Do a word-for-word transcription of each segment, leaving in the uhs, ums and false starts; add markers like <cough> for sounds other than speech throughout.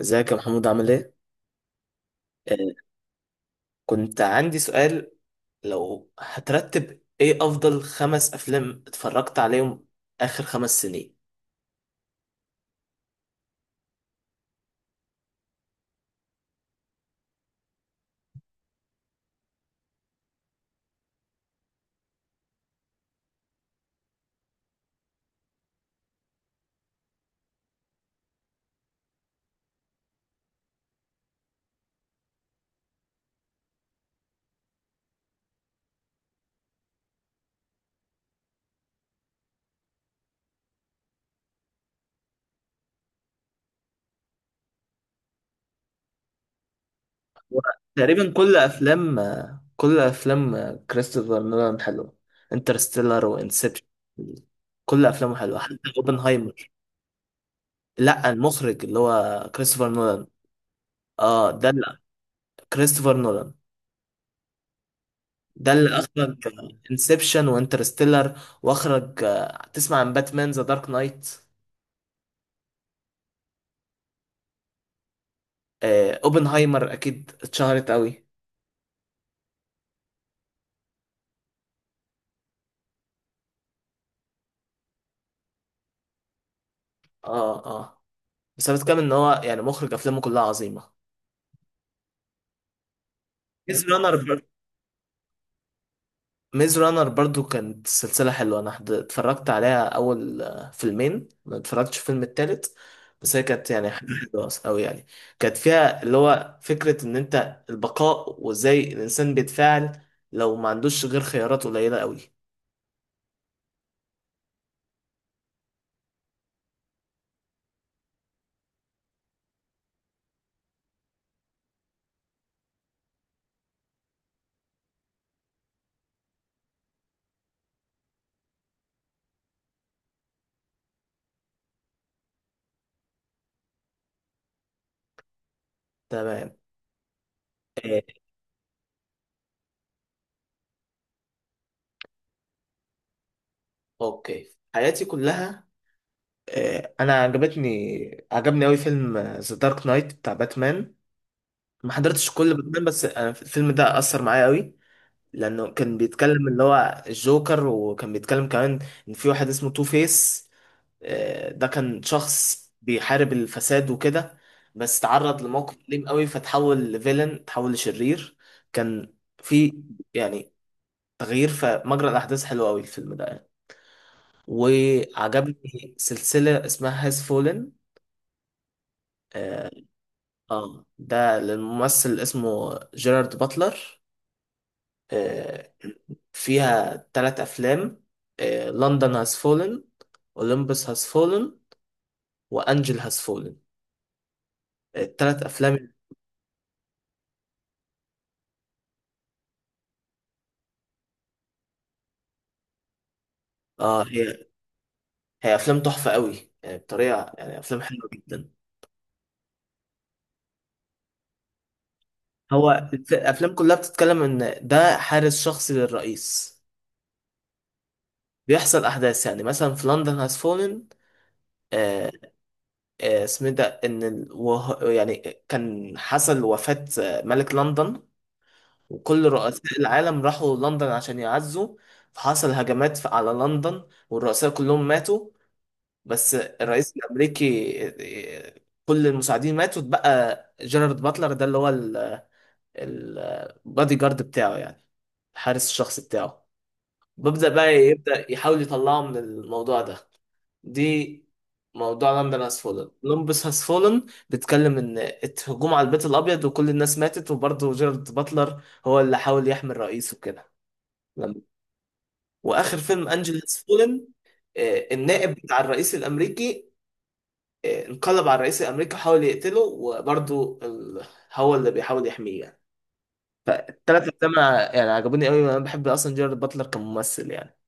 ازيك يا محمود عامل ايه؟ آه، كنت عندي سؤال، لو هترتب ايه افضل خمس افلام اتفرجت عليهم اخر خمس سنين؟ و- تقريبا كل افلام آه، كل افلام آه، كريستوفر نولان حلوه. انترستيلر وانسبشن، كل افلامه حلوه حتى اوبنهايمر. لا، المخرج اللي هو كريستوفر نولان. اه، ده اللي- كريستوفر نولان ده اللي اخرج انسبشن وانترستيلر، واخرج آه، تسمع عن باتمان ذا دارك نايت. آه، اوبنهايمر اكيد اتشهرت قوي. اه، اه. بس انا بتكلم ان هو يعني مخرج افلامه كلها عظيمه. ميز رانر بر... ميز رانر برضو كانت سلسله حلوه. انا حد- اتفرجت عليها اول آه، فيلمين، ما اتفرجتش في الفيلم التالت. بس هي كانت يعني حاجه <laughs> حلوه قوي يعني. كانت فيها اللي هو فكره ان انت البقاء وازاي الانسان بيتفاعل لو ما عندوش غير خيارات قليله قوي. تمام. آه، اوكي، حياتي كلها. آه، انا عجبتني عجبني قوي فيلم ذا دارك نايت بتاع باتمان. ما حضرتش كل باتمان بس أنا الفيلم ده اثر معايا قوي. لانه كان بيتكلم اللي هو الجوكر، وكان بيتكلم كمان ان في واحد اسمه تو فيس. آه، ده كان شخص بيحارب الفساد وكده، بس تعرض لموقف أليم قوي فتحول لفيلن، تحول لشرير. كان في يعني تغيير في مجرى الاحداث حلو قوي الفيلم ده يعني. وعجبني سلسلة اسمها هاز فولن. اه، ده الممثل اسمه جيرارد باتلر. آه، فيها ثلاث افلام: لندن هاز فولن، اولمبس هاز فولن، وانجل هاز فولن. الثلاث افلام. اه، هي هي افلام تحفه قوي يعني، بطريقه، يعني افلام حلوه جدا. هو الف- الافلام كلها بتتكلم ان ده حارس شخصي للرئيس. بيحصل احداث يعني مثلا في لندن هاز فولن. آه آه اسمه إيه ده، ان ال- وه- يعني كان حصل وفاه آه، ملك لندن، وكل رؤساء العالم راحوا لندن عشان يعزوا. فحصل هجمات ف- على لندن، والرؤساء كلهم ماتوا بس الرئيس الأمريكي، كل المساعدين ماتوا، اتبقى جيرارد باتلر ده اللي هو البادي جارد بتاعه يعني، الحارس الشخصي بتاعه. ببدأ بقى يبدأ يحاول يطلعه من الموضوع ده. دي موضوع لندن هاز فولن لندن هاز فولن بيتكلم ان الهجوم على البيت الابيض وكل الناس ماتت، وبرضه جيرارد باتلر هو اللي حاول يحمي الرئيس وكده. لما- واخر فيلم انجل هاز فولن، آه، النائب بتاع الرئيس الامريكي آه، انقلب على الرئيس الامريكي وحاول يقتله، وبرضه ال... هو اللي بيحاول يحميه يعني. فالتلات افلام ع- يعني عجبوني قوي، انا بحب اصلا جيرارد باتلر كممثل يعني.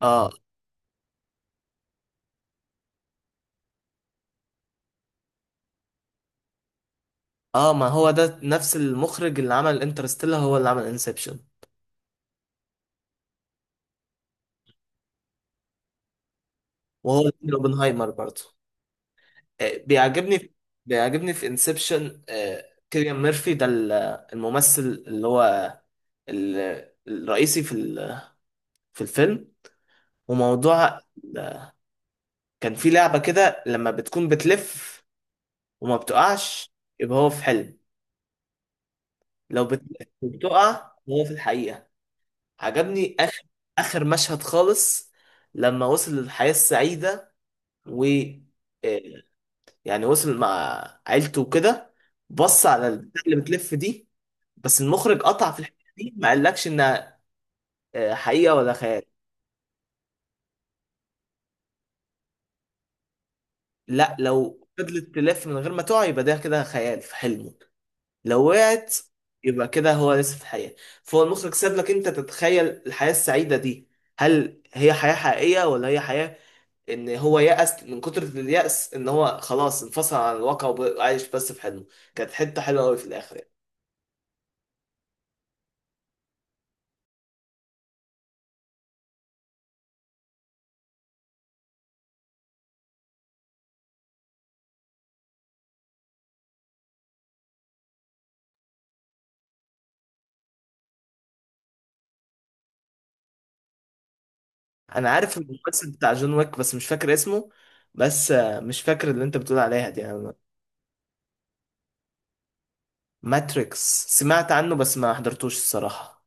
اه، اه. ما هو ده نفس المخرج اللي عمل انترستيلر هو اللي عمل انسبشن، وهو الفيلم اوبنهايمر برضه. آه، بيعجبني في... بيعجبني في انسبشن كيليان ميرفي، ده ال- الممثل اللي هو ال- الرئيسي في ال- في الفيلم. وموضوع كان في لعبة كده، لما بتكون بتلف وما بتقعش يبقى هو في حلم، لو بتلف وبتقع هو في الحقيقة. عجبني آخر آخر مشهد خالص، لما وصل للحياة السعيدة و آه، يعني وصل مع عيلته وكده، بص على البتاع اللي بتلف دي، بس المخرج قطع في الحته دي، ما قالكش انها آه، حقيقه ولا خيال. لا، لو فضلت تلف من غير ما تقع يبقى ده كده خيال في حلمه، لو وقعت يبقى كده هو لسه في الحياه. فهو المخرج ساب لك انت تتخيل الحياه السعيده دي، هل هي حياه حقيقيه ولا هي حياه ان هو يأس من كتر اليأس، ان هو خلاص انفصل عن الواقع وعايش بس في حلمه. كانت حته حلوه قوي في الاخر يعني. انا عارف الممثل بتاع جون ويك بس مش فاكر اسمه. بس آه، مش فاكر اللي انت بتقول عليها دي يعني. ماتريكس سمعت عنه بس ما حضرتوش الصراحة.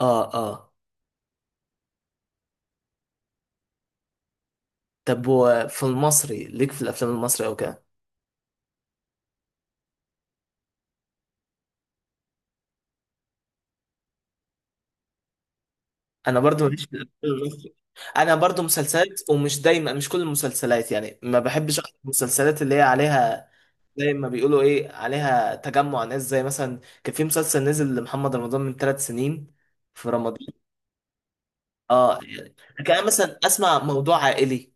اه، اه. طب وفي المصري ليك في الافلام المصري او كده؟ انا برضو ماليش في الافلام المصري. انا برضو مسلسلات، ومش دايما، مش كل المسلسلات يعني، ما بحبش أحضر المسلسلات اللي هي عليها، زي ما بيقولوا ايه، عليها تجمع ناس. زي مثلا كان في مسلسل نزل لمحمد رمضان من ثلاث سنين في رمضان. اه. كان مثلا اسمع موضوع عائلي.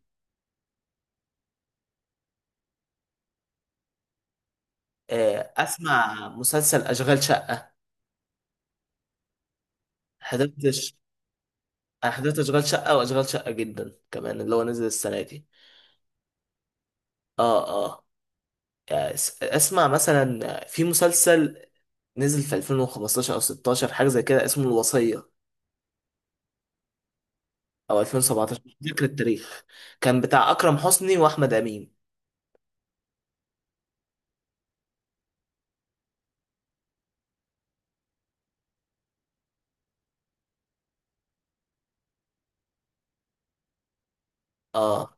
آه، اسمع مسلسل اشغال شقه. حضرت ش- أنا حضرت اشغال شقه، واشغال شقه جدا كمان اللي هو نزل السنه دي. اه، اه. يعني س- اسمع مثلا في مسلسل نزل في ألفين وخمستاشر او ستاشر، حاجه زي كده، اسمه الوصيه، او ألفين وسبعتاشر، مش فاكر التاريخ. كان بتاع اكرم حسني واحمد امين. اه.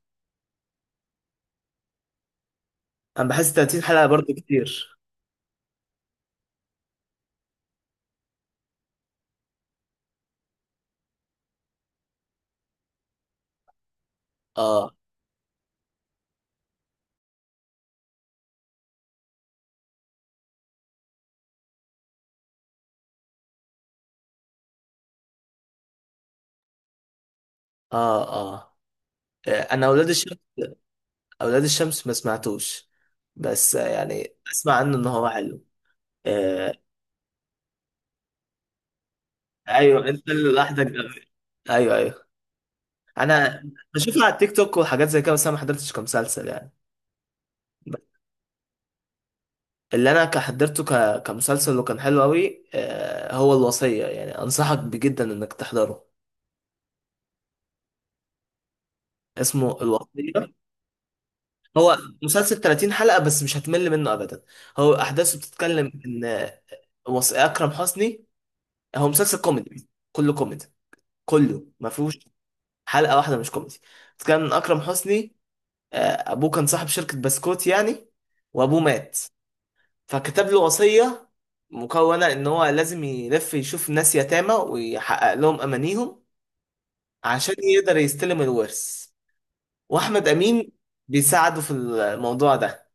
انا بحس 30 حلقه برضو كتير. اه، اه، اه. آه، انا اولاد اولاد الشمس ما سمعتوش. بس آه، يعني اسمع عنه ان هو حلو. آه، ايوه، انت اللي لوحدك ده. ايوه، ايوه. انا بشوفه على التيك توك وحاجات زي كده، بس انا ما حضرتش كمسلسل يعني. اللي انا ك- حضرته ك... كمسلسل وكان حلو قوي آه هو الوصية، يعني انصحك بجدا انك تحضره. اسمه الوصية. هو مسلسل 30 حلقة بس مش هتمل منه ابدا. هو احداثه بتتكلم ان آه، وص... اكرم حسني، هو مسلسل كوميدي، كله كوميدي، كله ما فيهوش حلقة واحدة مش كوميدي. كان أكرم حسني آه، أبوه كان صاحب شركة بسكوت يعني، وأبوه مات فكتب له وصية، مكونة إن هو لازم يلف يشوف ناس يتامى ويحقق لهم أمانيهم عشان يقدر يستلم الورث. وأحمد أمين بيساعده في الموضوع ده.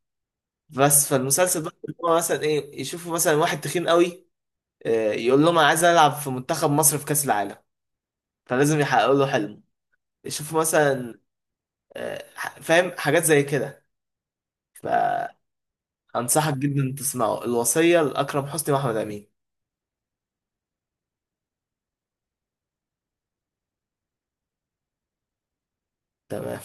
بس فالمسلسل بقى إن هو مثلا إيه، يشوفوا مثلا واحد تخين قوي آه، يقول لهم أنا عايز ألعب في منتخب مصر في كأس العالم، فلازم يحققوا له حلمه. يشوفوا مثلا آه، فاهم، حاجات زي كده. ف أنصحك جدا تسمعه، الوصية لأكرم حسني وأحمد أمين. تمام.